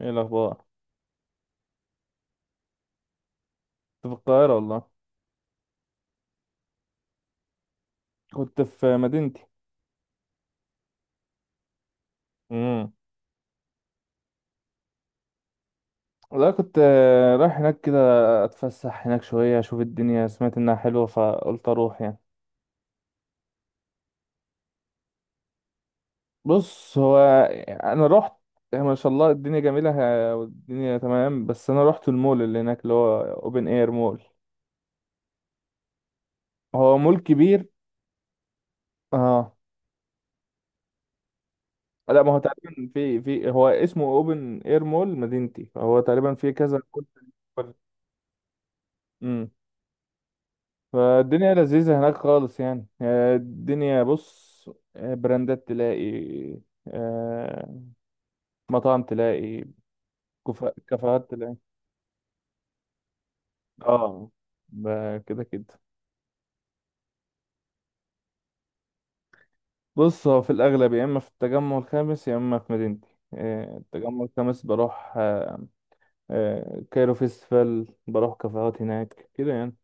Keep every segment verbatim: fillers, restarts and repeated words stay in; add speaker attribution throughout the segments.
Speaker 1: ايه الاخبار؟ كنت في القاهره والله. كنت في مدينتي. امم لا، كنت آه، رايح هناك كده. اتفسح هناك شويه اشوف الدنيا، سمعت انها حلوه فقلت اروح يعني. بص هو انا رحت، يعني ما شاء الله الدنيا جميله. ه- والدنيا تمام، بس انا رحت المول اللي هناك اللي هو اوبن اير مول. هو مول كبير. اه، لا ما هو تقريبا في في هو اسمه اوبن اير مول مدينتي، فهو تقريبا في كذا كل. امم فالدنيا لذيذة هناك خالص يعني. آه، الدنيا بص، آه، براندات تلاقي، آه، مطاعم تلاقي، كفا- كافيهات تلاقي. اه، ب- كده كده. بص هو في الأغلب يا إما في التجمع الخامس يا إما في مدينتي. آه، التجمع الخامس بروح آه، آه، كايرو فيستيفال بروح كافيهات هناك كده يعني.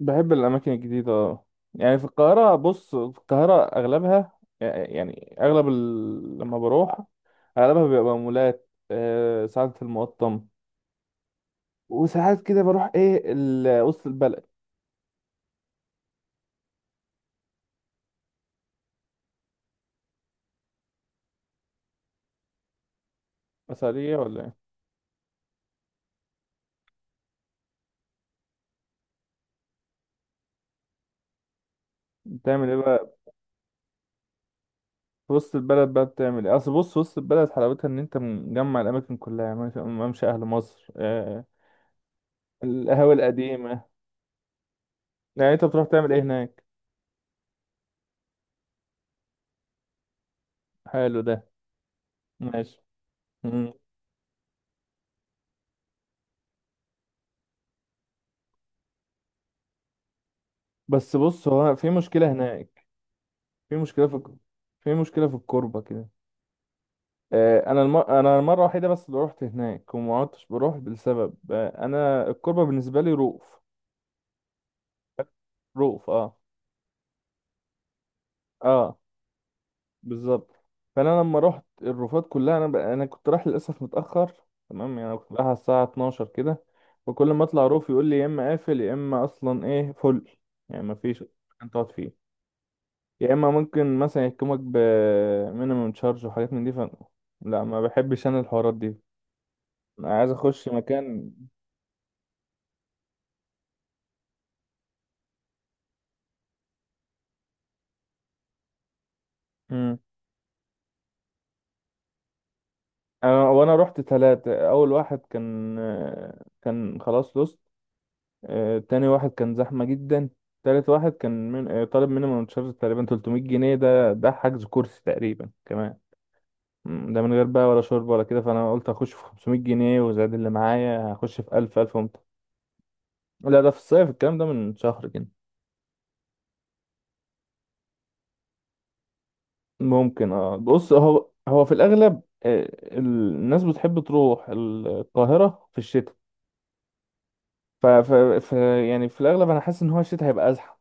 Speaker 1: بحب الأماكن الجديدة، اه. يعني في القاهرة، بص في القاهرة أغلبها، يعني أغلب ال... لما بروح، أغلبها بيبقى مولات، آه، ساعات في المقطم. وساعات كده بروح إيه ال... وسط البلد. مسارية ولا إيه؟ بتعمل إيه بقى؟ في وسط البلد بقى بتعمل إيه؟ أصل بص، وسط البلد حلاوتها إن أنت مجمع الأماكن كلها يعني، مش- ممشى أهل مصر آه، القهاوي القديمة. يعني أنت بتروح تعمل إيه هناك؟ حلو ده، ماشي. مم. بس بص هو في مشكلة هناك. في مشكلة في الك- في مشكلة في الكوربة كده. آه، انا الم... انا المرة الوحيدة بس اللي رحت هناك وما عدتش بروح لسبب، آه، انا الكوربة بالنسبة لي رؤوف. رؤوف، اه. اه، بالظبط. فانا لما رحت الروفات كلها، انا ب... انا كنت رايح للاسف متاخر. تمام يعني انا كنت رايح على الساعه اتناشر كده، وكل ما اطلع روف يقول لي يا اما قافل يا اما اصلا ايه، فل. يعني ما فيش مكان تقعد فيه. يا اما ممكن مثلا يحكمك ب مينيمم تشارج وحاجات من دي ف... لا، ما بحبش انا الحوارات دي. عايز اخش مكان. امم انا وانا رحت ثلاثة، اول واحد كان آه، كان خلاص لوست، آه، تاني واحد كان زحمة جدا. تالت واحد كان من... آه، طالب مينيمم تشارج تقريبا تلت ميت جنيه، ده ده حجز كرسي تقريبا كمان. مم، ده من غير بقى ولا شرب ولا كده، فانا قلت اخش في خمسمائة جنيه، وزاد اللي معايا هخش في ألف ألف ومت. لا ده في الصيف، الكلام ده من شهر كده. ممكن، اه. بص هو هو في الاغلب آه، ال- الناس بتحب تروح القاهرة في الشتاء. ف... ف... ف يعني في الاغلب انا حاسس ان هو الشتاء هيبقى ازحم.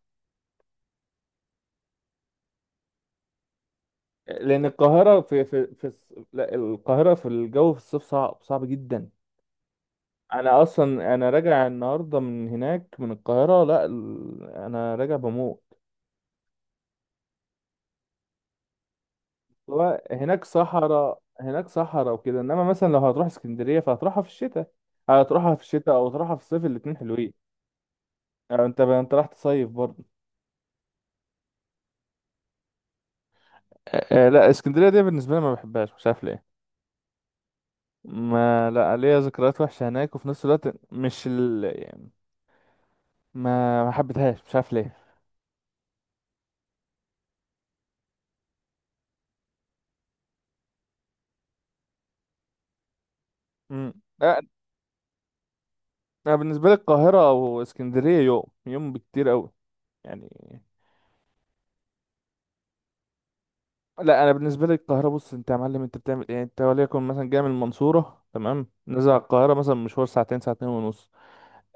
Speaker 1: لان القاهره في في في الص- لا، القاهره في الجو في الصيف، صعب صعب جدا. انا اصلا انا راجع النهارده من هناك من القاهره، لا ال- انا راجع بموت. هو هناك صحراء، هناك صحراء وكده، انما مثلا لو هتروح اسكندريه فهتروحها في الشتاء، هتروحها في الشتاء او تروحها في الصيف الاتنين حلوين. يعني انت انت راح تصيف برضه. آه، آه، لا اسكندريه دي بالنسبه لي ما بحبهاش، مش عارف ليه. ما، لا، ليا ذكريات وحشة هناك، وفي نفس الوقت مش ال... يعني ما ما حبيتهاش، مش عارف ليه. امم لا، انا بالنسبة لي القاهرة واسكندرية يوم يوم بكتير قوي يعني. لا انا بالنسبة لي القاهرة، بص انت يا معلم انت بتعمل ايه؟ انت وليكن مثلا جاي من المنصورة، تمام، نزل على القاهرة مثلا مشوار ساعتين، ساعتين ونص.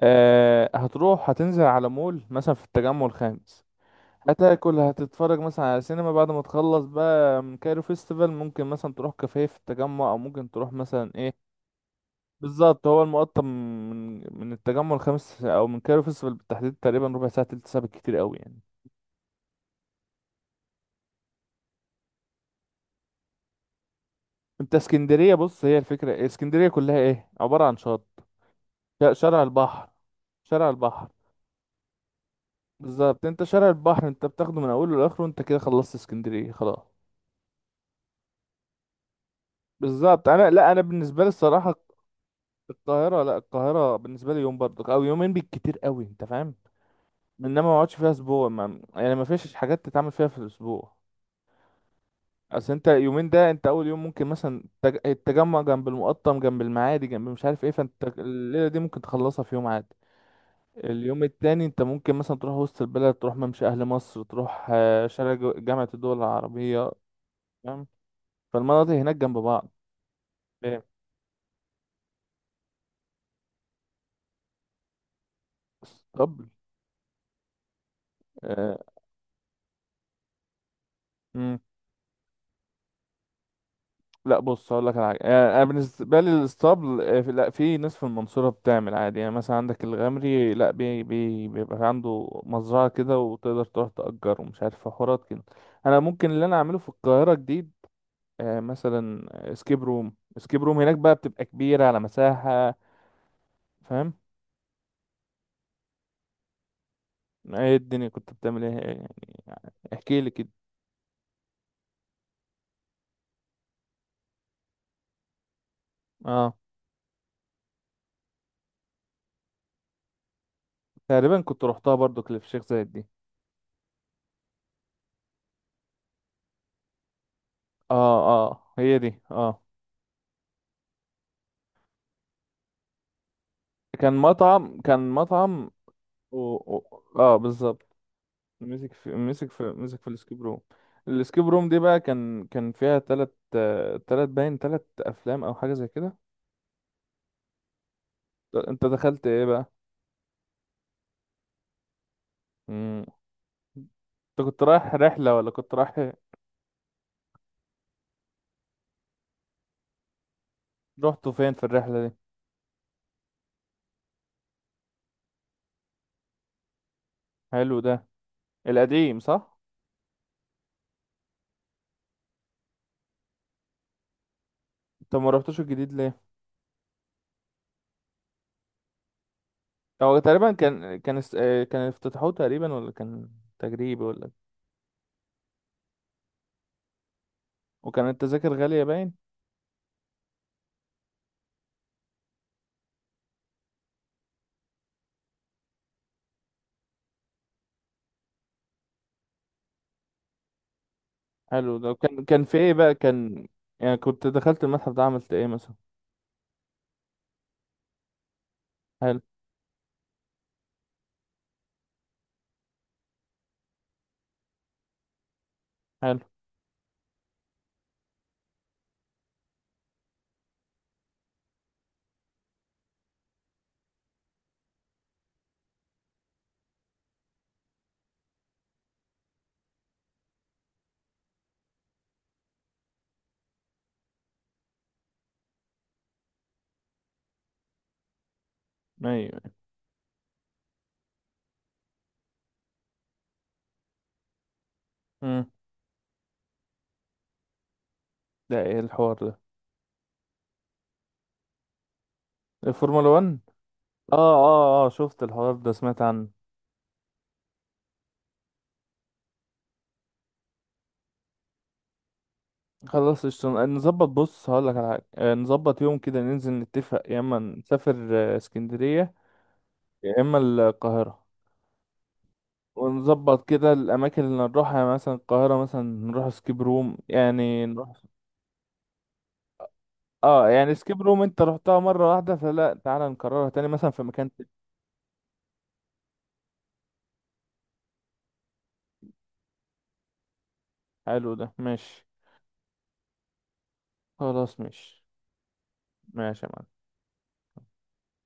Speaker 1: أه هتروح هتنزل على مول مثلا في التجمع الخامس، هتاكل هتتفرج مثلا على سينما بعد ما تخلص بقى من كايرو فيستيفال، ممكن مثلا تروح كافيه في التجمع او ممكن تروح مثلا ايه. بالظبط، هو المقطم من من التجمع الخامس او من كايرو فيستيفال بالتحديد تقريبا ربع ساعه، تلت ساعه بالكتير قوي يعني. انت اسكندريه بص، هي الفكره اسكندريه كلها ايه، عباره عن شط. ش- شارع البحر، شارع البحر. بالظبط، انت شارع البحر انت بتاخده من اوله لاخره، انت كده خلصت اسكندريه خلاص. بالظبط. انا، لا انا بالنسبه لي الصراحه، القاهره، لا القاهره بالنسبه لي يوم برضك او يومين بالكتير قوي، انت فاهم. انما ما اقعدش فيها اسبوع، ما يعني ما فيش حاجات تتعمل فيها في الاسبوع. اصل انت يومين ده، انت اول يوم ممكن مثلا التج- التجمع جنب المقطم جنب المعادي جنب مش عارف ايه، فانت الليله دي ممكن تخلصها في يوم عادي. اليوم التاني انت ممكن مثلا تروح وسط البلد، تروح ممشى اهل مصر، تروح آه، شارع جو- جامعه الدول العربيه. فاهم. فالمناطق هناك جنب بعض. ايه اسطبل؟ آه. لا بص هقول لك على حاجه، يعني انا بالنسبه لي الاسطبل آه، في- لا في ناس في المنصوره بتعمل عادي، يعني مثلا عندك الغمري، لا بي بي بيبقى عنده مزرعه كده وتقدر تروح تأجر ومش عارف حوارات كده. انا ممكن اللي انا اعمله في القاهره جديد، آه، مثلا اسكيب روم. اسكيب روم هناك بقى بتبقى كبيره على مساحه. فاهم. ايه الدنيا كنت بتعمل ايه؟ يعني احكي لي كده. اه، تقريبا كنت روحتها برضو، كليف شيخ زايد دي. اه، اه، هي دي، اه. كان مطعم، كان مطعم. و... و... اه، بالظبط. مسك في مسك في مسك في الاسكيب روم. الاسكيب روم دي بقى كان كان فيها تلت، آه، تلت باين تلت افلام او حاجه زي كده. ط- انت دخلت ايه بقى؟ مم. انت كنت رايح رحله ولا كنت رايح؟ رحتوا فين في الرحله دي؟ حلو ده. القديم، صح؟ انت ما رحتوش الجديد ليه؟ هو تقريبا كان كان اس- آه، كان افتتحوه تقريبا، ولا كان تجريبي ولا. وكان التذاكر غاليه، باين. حلو ده، كان كان في ايه بقى كان؟ يعني كنت دخلت المتحف ده عملت ايه مثلا؟ حلو. حلو. ايوه. امم ده ايه الحوار ده؟ الفورمولا واحد. اه، اه، اه، شفت الحوار ده، سمعت عنه. خلاص، قشطة. آه، نظبط. بص هقول لك على حاجة، آه، نظبط يوم كده ننزل نتفق يا اما نسافر آه، اسكندرية يا اما القاهرة. ونظبط كده الأماكن اللي نروحها، يعني مثلا القاهرة مثلا نروح سكيب روم، يعني نروح. اه يعني سكيب روم انت رحتها مرة واحدة، فلا تعالى نكررها تاني مثلا في مكان تاني. حلو ده، ماشي. خلاص ماشي. ماشي يا معلم.